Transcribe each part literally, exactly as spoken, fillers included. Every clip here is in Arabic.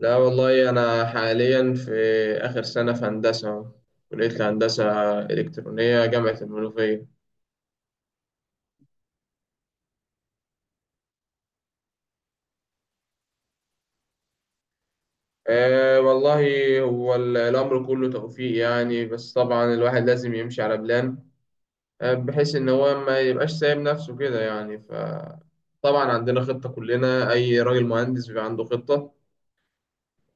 لا والله، أنا حاليا في آخر سنة في هندسة، كلية الهندسة الإلكترونية، جامعة المنوفية. أه والله هو ال- الأمر كله توفيق يعني، بس طبعا الواحد لازم يمشي على بلان. آه، بحيث إن هو ما يبقاش سايب نفسه كده يعني. فطبعا عندنا خطة، كلنا أي راجل مهندس بيبقى عنده خطة.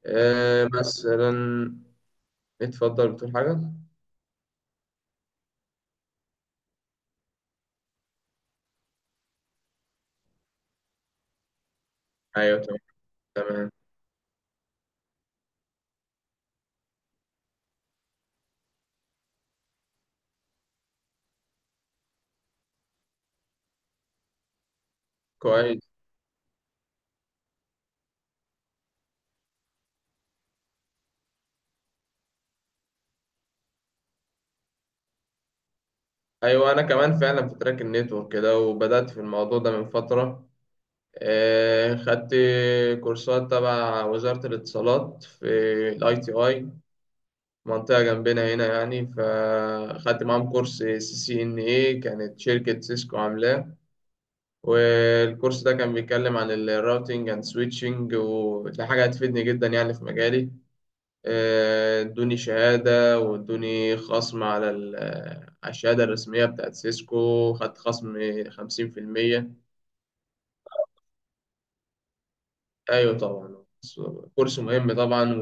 أه مثلا... اتفضل، بتقول حاجة؟ أيوه، تمام. تمام. كويس. ايوه، انا كمان فعلا في تراك النتورك كده، وبدات في الموضوع ده من فتره. آه، خدت كورسات تبع وزاره الاتصالات في الاي تي اي، منطقه جنبنا هنا يعني. فخدت معاهم كورس سي سي ان اي، كانت شركه سيسكو عاملاه. والكورس ده كان بيتكلم عن الراوتينج اند سويتشنج، ودي حاجه هتفيدني جدا يعني في مجالي. آه، ادوني شهادة، وادوني خصم على ال- آه، على الشهادة الرسمية بتاعت سيسكو. خدت خصم خمسين في المية. أيوة طبعا. كورس مهم طبعا.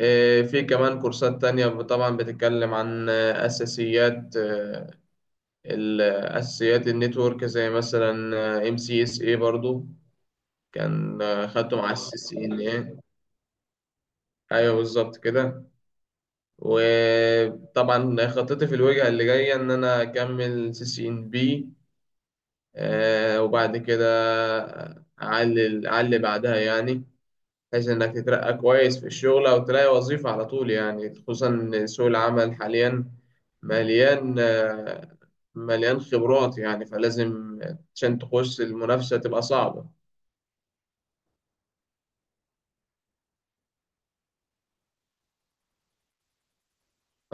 وفي كمان كورسات تانية طبعا، بتتكلم عن آه، أساسيات آه، ال- آه، أساسيات النتورك، زي مثلا ام سي اس اي. برضو كان آه، خدته مع السي سي ان اي. ايوه بالظبط كده. وطبعا خطتي في الوجهة اللي جاية إن أنا أكمل سي سي إن بي، وبعد كده أعلي أعلي بعدها يعني. بحيث إنك تترقى كويس في الشغل، أو تلاقي وظيفة على طول يعني. خصوصا إن سوق العمل حاليا مليان، آه، مليان خبرات يعني. فلازم عشان تخش المنافسة تبقى صعبة.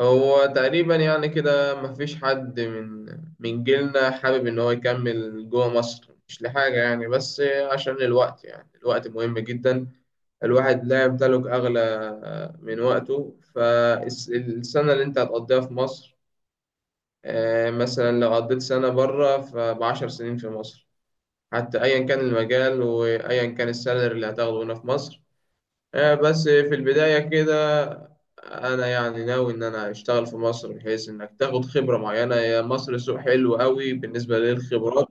هو تقريبا يعني كده مفيش حد من من جيلنا حابب إن هو يكمل جوه مصر، مش لحاجة يعني، بس عشان الوقت يعني. الوقت مهم جدا، الواحد لا يمتلك أغلى من وقته. فالسنة اللي أنت هتقضيها في مصر، آه، مثلا لو قضيت سنة بره فبعشر سنين في مصر، حتى أيا كان المجال وأيا كان السالري اللي هتاخده هنا في مصر. آه، بس في البداية كده، أنا يعني ناوي إن أنا أشتغل في مصر، بحيث إنك تاخد خبرة معينة. يا مصر سوق حلو قوي بالنسبة للخبرات.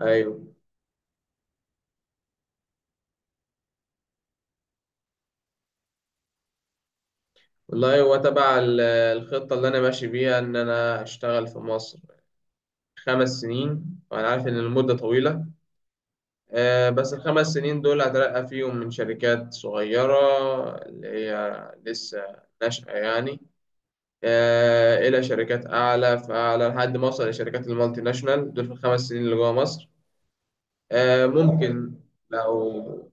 أيوه والله، هو تبع ال- الخطة اللي أنا ماشي بيها إن أنا أشتغل في مصر خمس سنين. وأنا عارف إن المدة طويلة. آه، بس الخمس سنين دول هترقى فيهم من شركات صغيرة، اللي هي لسه ناشئة يعني. آه، الى شركات اعلى فاعلى، لحد ما اوصل لشركات المالتي ناشونال دول في الخمس سنين اللي جوه مصر. آه، ممكن. لو...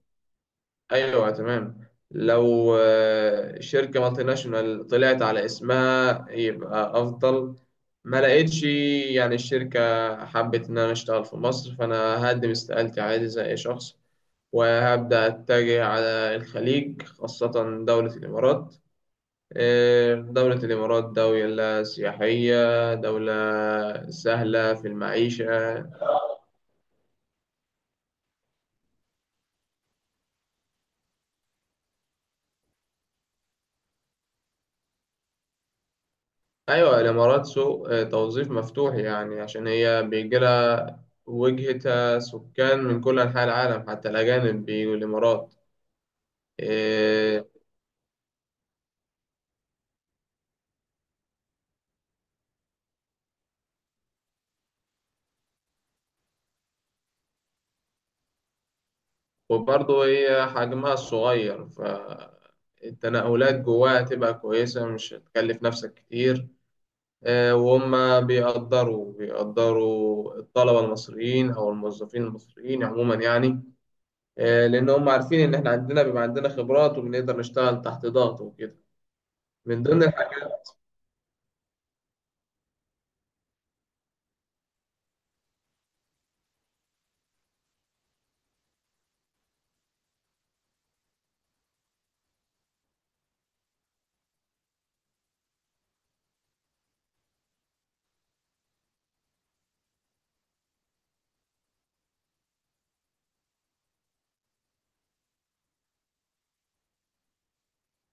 ايوه تمام. لو آه، شركه مالتي ناشونال طلعت على اسمها يبقى افضل. ما لقيتش يعني الشركه حبت ان انا اشتغل في مصر، فانا هقدم استقالتي عادي زي اي شخص. وهبدا اتجه على الخليج، خاصه دوله الامارات. آه، دولة الإمارات دولة سياحية، دولة سهلة في المعيشة. أيوة، الإمارات سوق آه، توظيف مفتوح يعني. عشان هي بيجيلها وجهة سكان من كل أنحاء العالم، حتى الأجانب بيجوا الإمارات. إيه. وبرضه هي حجمها الصغير، فالتنقلات جواها تبقى كويسة، مش هتكلف نفسك كتير. آه، وهم بيقدروا بيقدروا الطلبة المصريين أو الموظفين المصريين عموما يعني. آه، لأن هم عارفين إن إحنا عندنا بيبقى عندنا خبرات، وبنقدر نشتغل تحت ضغط وكده. من ضمن الحاجات.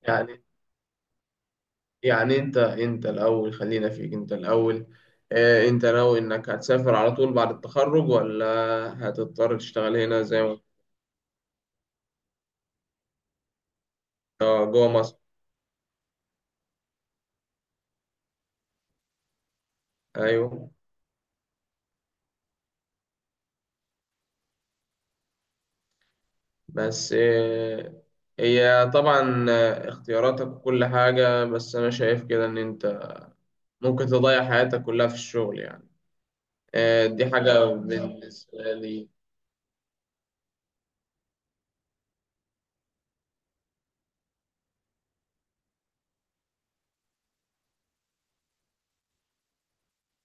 يعني يعني أنت أنت الأول، خلينا فيك أنت الأول. آه، أنت ناوي إنك هتسافر على طول بعد التخرج، ولا هتضطر تشتغل هنا زي ما... آه، جوه مصر. أيوه بس آه، هي طبعا آه، اختياراتك وكل حاجة، بس أنا شايف كده إن أنت ممكن تضيع حياتك كلها في الشغل يعني. آه، دي حاجة بالنسبة لي.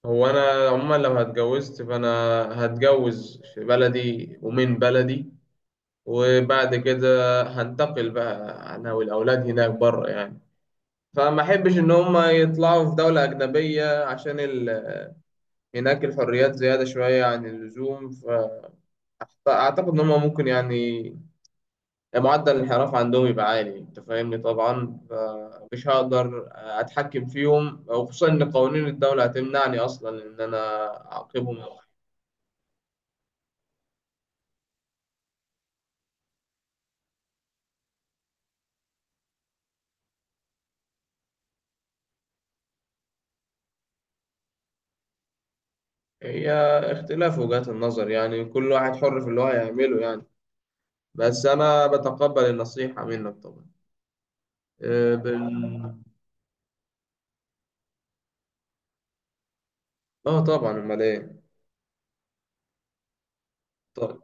هو أنا عموما، لو هتجوزت فأنا هتجوز في بلدي ومن بلدي. وبعد كده هنتقل بقى أنا والأولاد هناك بره يعني. فما أحبش إن هما يطلعوا في دولة أجنبية، عشان ال... هناك الحريات زيادة شوية عن اللزوم. فأعتقد إن هما ممكن يعني معدل الانحراف عندهم يبقى عالي. انت فاهمني طبعا. فمش هقدر اتحكم فيهم، وخصوصا ان قوانين الدولة هتمنعني اصلا ان انا اعاقبهم او حاجة. هي اختلاف وجهات النظر يعني، كل واحد حر في اللي هو هيعمله يعني. بس انا بتقبل النصيحة منك طبعا. اه بال... اه طبعا، امال ايه. طب.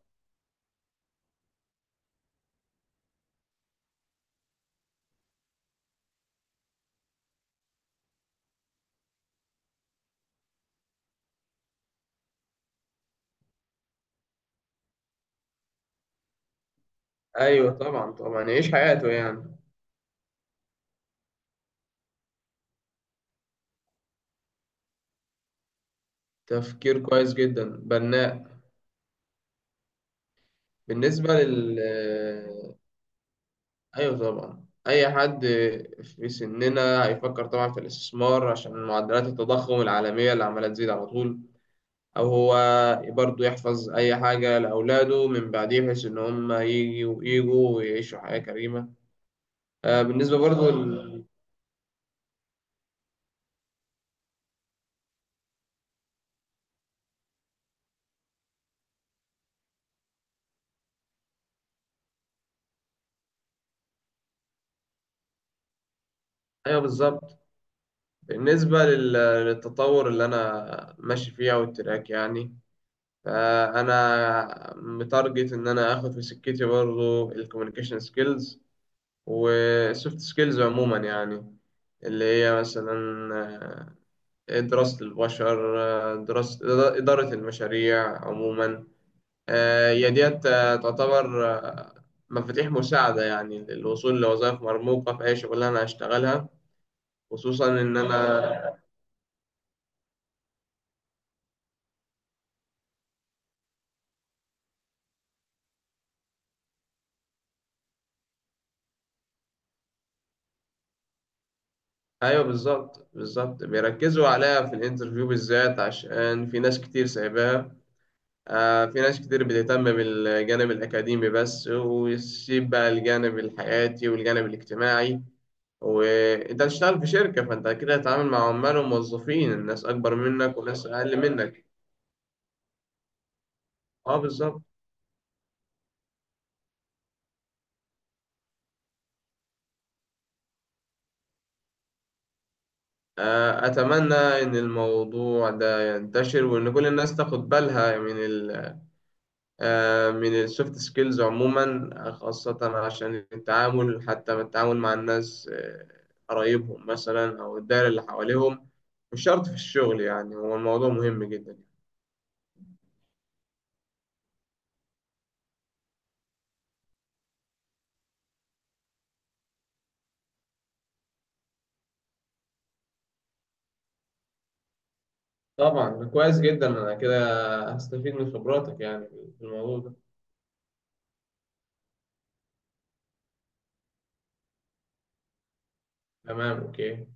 ايوه طبعا طبعا، يعيش حياته يعني. تفكير كويس جدا، بناء. بالنسبة لل ايوه طبعا. اي حد في سننا هيفكر طبعا في الاستثمار، عشان معدلات التضخم العالميه اللي عماله تزيد على طول. او هو برضه يحفظ اي حاجه لاولاده من بعديه، بحيث ان هم يجوا يجوا ويعيشوا حياه كريمه. آه بالنسبه برضه ال... ايوه بالظبط. بالنسبه لل... للتطور اللي انا ماشي فيه، او التراك يعني. فانا متارجت ان انا اخد في سكتي برضه الكوميونيكيشن سكيلز وسوفت سكيلز عموما يعني. اللي هي مثلا آه، دراسة البشر، آه، دراسة إدارة المشاريع عموما. آه، هي ديت آه، تعتبر آه، مفاتيح مساعدة يعني للوصول لوظائف مرموقة في أي شغلانة أنا هشتغلها. خصوصا إن أنا أيوه بالظبط بالظبط، بيركزوا عليها في الانترفيو بالذات، عشان في ناس كتير سايباها. آه، في ناس كتير بتهتم بالجانب الأكاديمي بس، ويسيب بقى الجانب الحياتي والجانب الاجتماعي. وأنت هتشتغل في شركة، فأنت كده هتتعامل مع عمال وموظفين، الناس أكبر منك وناس أقل منك. أه بالظبط. آه، أتمنى إن الموضوع ده ينتشر، وإن كل الناس تاخد بالها من ال... آه، من السوفت سكيلز عموما، خاصة عشان التعامل حتى من التعامل مع الناس، آه، قرايبهم مثلا أو الدائرة اللي حواليهم. مش شرط في الشغل يعني، هو الموضوع مهم جدا. طبعا كويس جدا، أنا كده هستفيد من خبراتك يعني في الموضوع ده. تمام، أوكي.